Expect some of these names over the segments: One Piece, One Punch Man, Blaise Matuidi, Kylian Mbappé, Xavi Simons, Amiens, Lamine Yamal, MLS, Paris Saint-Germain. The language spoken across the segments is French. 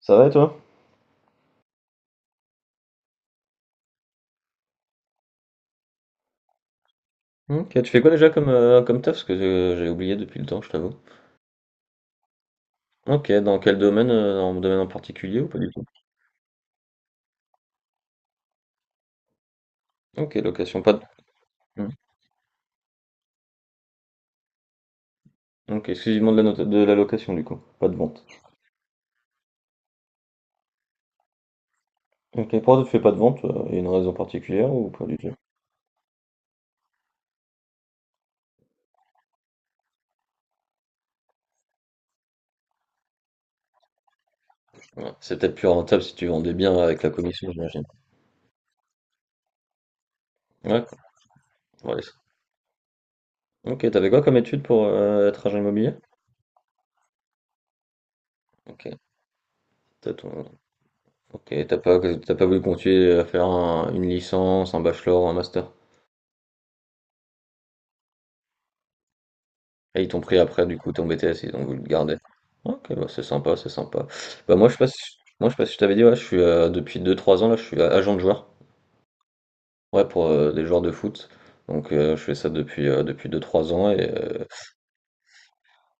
Ça va et toi? Ok, tu fais quoi déjà comme, comme taf? Parce que j'ai oublié depuis le temps, je t'avoue. Ok, dans quel domaine? Dans un domaine en particulier ou pas du tout? Ok, location, pas de... Hmm. Ok, exclusivement de la location du coup, pas de vente. Ok, pourquoi tu fais pas de vente? Il y a une raison particulière ou pas du tout? Ouais, c'est peut-être plus rentable si tu vendais bien avec la commission, j'imagine. Ouais, voilà. Ok, t'avais quoi comme étude pour être agent immobilier? Ok, t'as ton... Ok, t'as pas voulu continuer à faire une licence, un bachelor, un master? Et ils t'ont pris après, du coup, ton BTS, ils ont voulu le garder. Ok, bah c'est sympa, c'est sympa. Bah moi, je passe, moi, je sais pas si je t'avais dit, ouais, je suis depuis deux trois ans, là, je suis agent de joueur. Ouais, pour des joueurs de foot. Donc, je fais ça depuis deux trois ans. Et,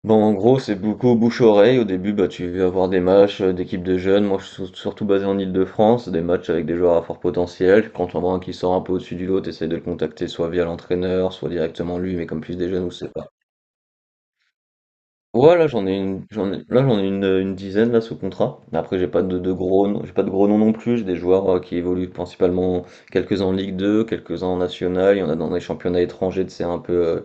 bon, en gros, c'est beaucoup bouche-oreille. Au début, bah, tu vas avoir des matchs d'équipes de jeunes. Moi, je suis surtout basé en Île-de-France. Des matchs avec des joueurs à fort potentiel. Quand on voit un qui sort un peu au-dessus du lot, tu de le contacter soit via l'entraîneur, soit directement lui. Mais comme plus des jeunes, ou c'est pas. Ouais, là j'en ai une, j'en ai, là j'en ai une dizaine là sous contrat. Après j'ai pas de, de gros, noms- j'ai pas de gros noms non plus. J'ai des joueurs qui évoluent principalement quelques-uns en Ligue 2 quelques-uns en National. Il y en a dans les championnats étrangers, c'est un peu. Euh,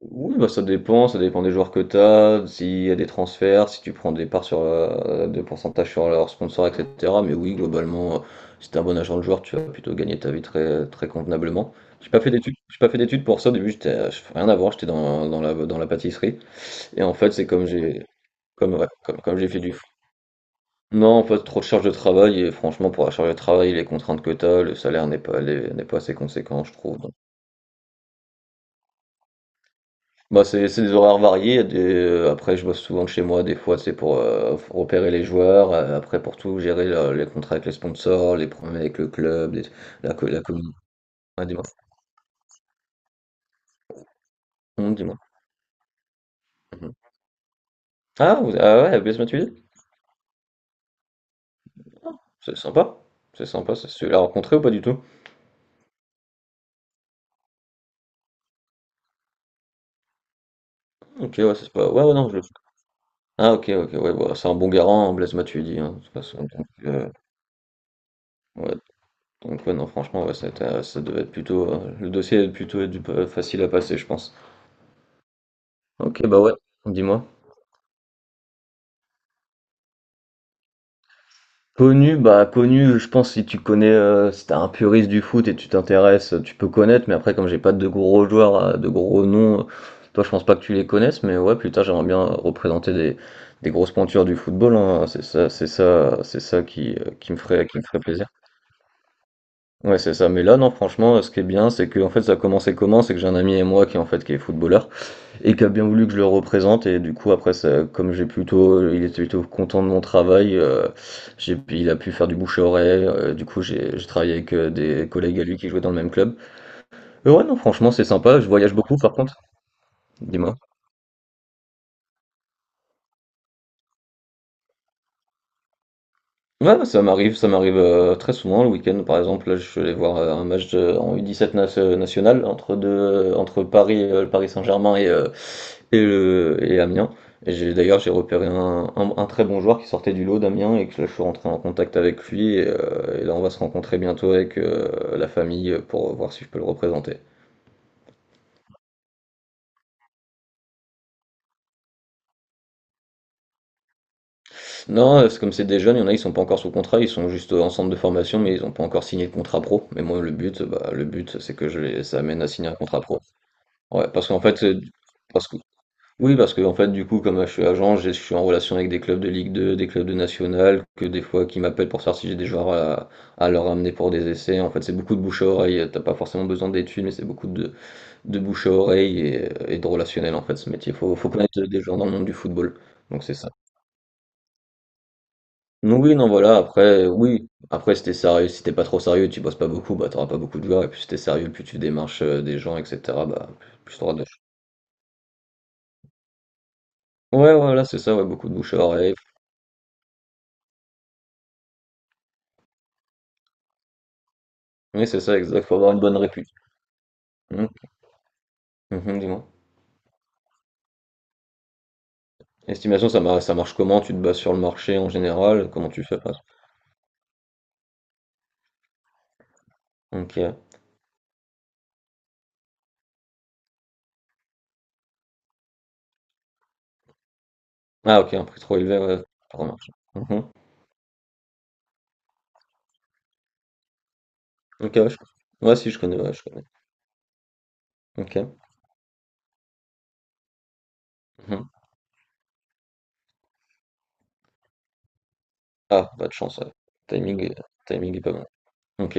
oui, bah ça dépend des joueurs que t'as, s'il y a des transferts, si tu prends des parts sur de pourcentage sur leurs sponsors, etc. Mais oui, globalement, si t'es un bon agent de joueur, tu vas plutôt gagner ta vie très très convenablement. J'ai pas fait d'études, j'ai pas fait d'études pour ça. Au début, j'étais, fais rien à voir, j'étais dans la pâtisserie. Et en fait, c'est comme j'ai comme, ouais, comme j'ai fait du foot. Non, en fait, trop de charge de travail, et franchement, pour la charge de travail, les contraintes que t'as, le salaire n'est pas, les- n'est pas assez conséquent, je trouve. Donc, bah, c'est des horaires variés. Il y a après, je bosse souvent de chez moi, des fois, c'est pour repérer les joueurs, après, pour tout, gérer les contrats avec les sponsors, les problèmes avec le club, la commune. Ah, dis-moi. Dis-moi. Mhm. Ah, ah ouais, BS Matuidi? C'est sympa. C'est sympa, ça. Tu l'as rencontré ou pas du tout? Ok, ouais, c'est pas. Ouais, ouais, non, je... Ah OK, OK, ouais, bah, c'est un bon garant, hein, Blaise Matuidi, hein, de toute façon, donc ouais, donc ouais, non, franchement, ouais, ça devait être plutôt, le dossier a plutôt dû p facile à passer, je pense. OK, bah, ouais, dis-moi? Connu, bah, connu, je pense si tu connais, si t'es un puriste du foot et tu t'intéresses, tu peux connaître, mais après comme j'ai pas de gros joueurs, de gros noms, toi, je pense pas que tu les connaisses, mais ouais, plus tard, j'aimerais bien représenter des grosses pointures du football, hein, c'est ça c'est ça qui, qui me ferait plaisir. Ouais, c'est ça. Mais là, non, franchement, ce qui est bien, c'est que en fait, ça a commencé comment? C'est que j'ai un ami et moi qui en fait qui est footballeur et qui a bien voulu que je le représente. Et du coup, après, ça, comme j'ai plutôt, il était plutôt content de mon travail. Euh, il a pu faire du bouche à oreille. Euh, du coup, j'ai travaillé avec des collègues à lui qui jouaient dans le même club. Mais ouais, non, franchement, c'est sympa. Je voyage beaucoup, par contre. Dis-moi. Ouais, ouais, ça m'arrive, très souvent le week-end. Par exemple, là, je suis allé voir, un match de en U17 nas national entre 2, entre Paris, le Paris Saint-Germain et le et Amiens. Et j'ai d'ailleurs, j'ai repéré un très bon joueur qui sortait du lot d'Amiens et que là, je suis rentré en contact avec lui et là, on va se rencontrer bientôt avec, la famille, pour voir si je peux le représenter. Non, c'est comme c'est des jeunes, il y en a, ils sont pas encore sous contrat, ils sont juste, en centre de formation, mais ils ont pas encore signé de contrat pro. Mais moi, le but, bah, le but, c'est que je les amène à signer un contrat pro. Ouais, parce qu'en fait, parce que, oui, parce que en fait, du coup, comme je suis agent, je suis en relation avec des clubs de Ligue 2, des clubs de National, que des fois qui m'appellent pour savoir si j'ai des joueurs à leur amener pour des essais. En fait, c'est beaucoup de bouche à oreille. T'as pas forcément besoin d'études, mais c'est beaucoup de bouche à oreille et de relationnel en fait, ce métier. Faut connaître des gens dans le monde du football. Donc c'est ça. Donc oui, non, voilà. Après, oui. Après, si t'es sérieux, si t'es pas trop sérieux, tu bosses pas beaucoup, bah t'auras pas beaucoup de joueurs. Et puis si t'es sérieux, plus tu démarches des gens, etc. Bah plus t'auras de. Ouais, voilà, c'est ça. Ouais, beaucoup de bouche à oreille. Oui, c'est ça, exact. Faut avoir une bonne réputation. Mhm, mhm, dis-moi. Estimation, ça, ça marche comment? Tu te bases sur le marché en général? Comment tu fais? Par exemple, ok. Ah, ok, un prix trop élevé, ouais, ça remarche. Mhm. Ok, ouais, je... ouais, si, je connais, ouais, je connais. Ok. Mhm. Ah, pas de chance, ouais. Timing, timing est pas bon. Ok,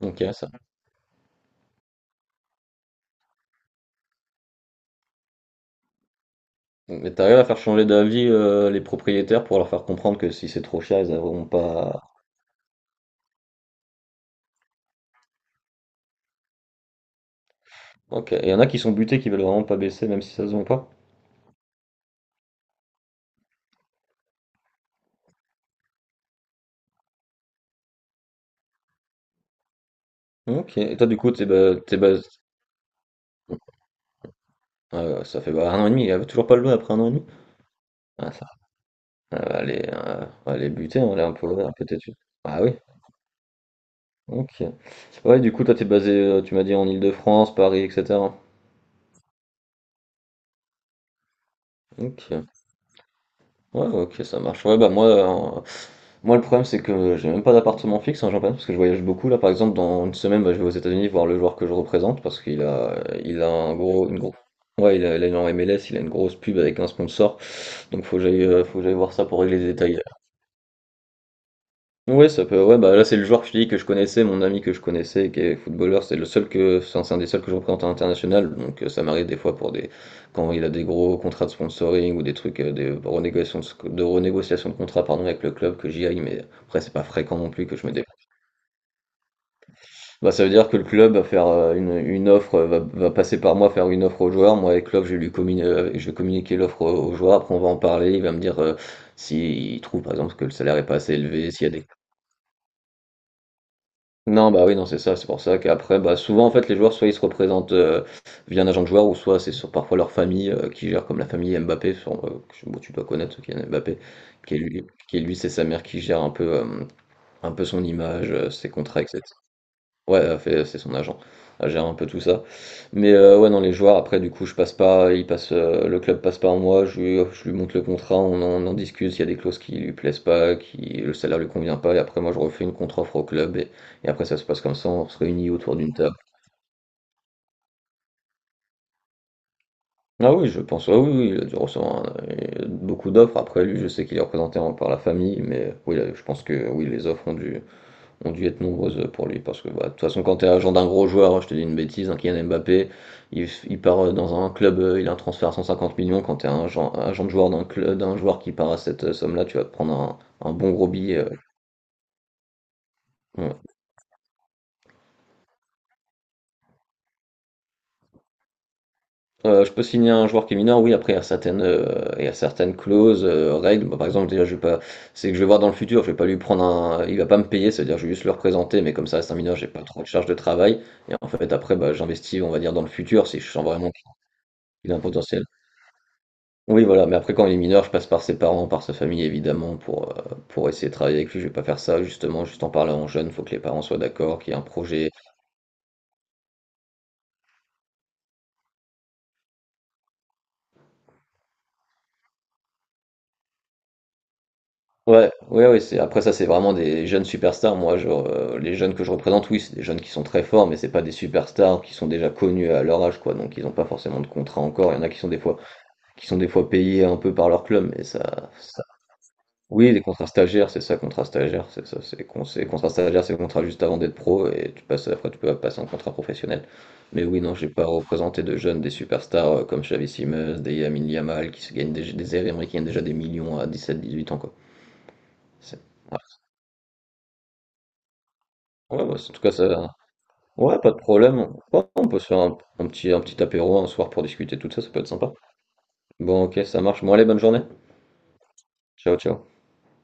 ok, ça. Mais t'arrives à faire changer d'avis les propriétaires pour leur faire comprendre que si c'est trop cher, ils n'auront pas. Ok. Il y en a qui sont butés, qui veulent vraiment pas baisser, même si ça se vend pas. Ok. Et toi, du coup, t'es bas... Ah ouais, ça fait, bah, 1 an et demi, il avait toujours pas le doigt après un an et demi? Ah ça elle va aller, elle va les buter, hein, là, un peu têtue. Ah oui? OK. Ouais, du coup, toi, tu basé, tu m'as dit en Île-de-France, Paris et cetera? OK. Ouais, OK, ça marche. Ouais, bah, moi, le problème, c'est que j'ai même pas d'appartement fixe, en j'en parle parce que je voyage beaucoup. Là, par exemple, dans une semaine, bah, je vais aux États-Unis voir le joueur que je représente parce qu'il a un gros une grosse... Ouais, il est en MLS, il a une grosse pub avec un sponsor, donc faut que j'aille voir ça pour régler les détails. Ouais, ça peut ouais, bah, là, c'est le joueur que je te dis que je connaissais, mon ami que je connaissais, qui est footballeur, c'est le seul que enfin, c'est un des seuls que je représente à l'international, donc ça m'arrive des fois pour des quand il a des gros contrats de sponsoring ou des trucs des renégociations de renégociation de contrat pardon avec le club que j'y aille, mais après c'est pas fréquent non plus que je me déplace. Bah ça veut dire que le club va faire une offre, va passer par moi faire une offre au joueur, moi avec le club je vais communiquer l'offre au joueur, après on va en parler, il va me dire s'il trouve par exemple que le salaire est pas assez élevé, s'il y a des... Non, bah oui, non, c'est ça. C'est pour ça qu'après, bah, souvent, en fait, les joueurs, soit ils se représentent via un agent de joueur, ou soit c'est sur parfois leur famille qui gère, comme la famille Mbappé. Sur, bon, tu dois connaître Kylian Mbappé, qui est lui, c'est sa mère qui gère un peu son image, ses contrats, etc. Ouais, fait c'est son agent. Elle gère un peu tout ça. Mais, ouais, non, les joueurs après du coup je passe pas, il passe, le club passe par moi, je lui montre le contrat, on en discute, il y a des clauses qui lui plaisent pas, qui le salaire lui convient pas et après moi je refais une contre-offre au club et après ça se passe comme ça, on se réunit autour d'une table. Ah oui, je pense, ah oui, oui, il a dû recevoir un beaucoup d'offres. Après lui, je sais qu'il est représenté en par la famille, mais oui, là, je pense que oui, les offres ont dû être nombreuses pour lui. Parce que bah, de toute façon, quand tu es agent d'un gros joueur, je te dis une bêtise, un Kylian Mbappé, il part dans un club, il a un transfert à 150 millions. Quand tu es un agent, agent de joueur d'un club, d'un joueur qui part à cette somme-là, tu vas te prendre un bon gros billet. Euh, ouais. Je peux signer un joueur qui est mineur, oui, après il y a certaines, il y a certaines clauses, règles. Bah, par exemple, déjà, je vais pas, c'est que je vais voir dans le futur, je vais pas lui prendre un, il va pas me payer, c'est-à-dire je vais juste le représenter, mais comme ça reste un mineur, j'ai pas trop de charge de travail. Et en fait, après, bah, j'investis, on va dire, dans le futur, si je sens vraiment qu'il a un potentiel. Oui, voilà, mais après quand il est mineur, je passe par ses parents, par sa famille évidemment pour essayer de travailler avec lui. Je vais pas faire ça justement, juste en parlant jeune, faut que les parents soient d'accord, qu'il y ait un projet. Ouais, ouais, ouais, c'est après ça, c'est vraiment des jeunes superstars. Moi, genre, les jeunes que je représente, oui, c'est des jeunes qui sont très forts, mais c'est pas des superstars qui sont déjà connus à leur âge quoi, donc ils ont pas forcément de contrat encore. Il y en a qui sont des fois payés un peu par leur club, mais ça... Oui, les contrats stagiaires, c'est ça, contrat stagiaire, c'est ça, contrat stagiaire, c'est le contrat juste avant d'être pro et tu passes après tu peux passer en contrat professionnel. Mais oui, non, j'ai pas représenté de jeunes, des superstars comme Xavi Simons, des Lamine Yamal qui se gagnent des Américains qui gagnent déjà des millions à dix 18 ans quoi. C'est- ah, ouais, ouais, en tout cas ça. Ouais, pas de problème. Ouais, on peut se faire un petit apéro un soir pour discuter de tout ça, ça peut être sympa. Bon, ok, ça marche. Bon, allez, bonne journée. Ciao, ciao.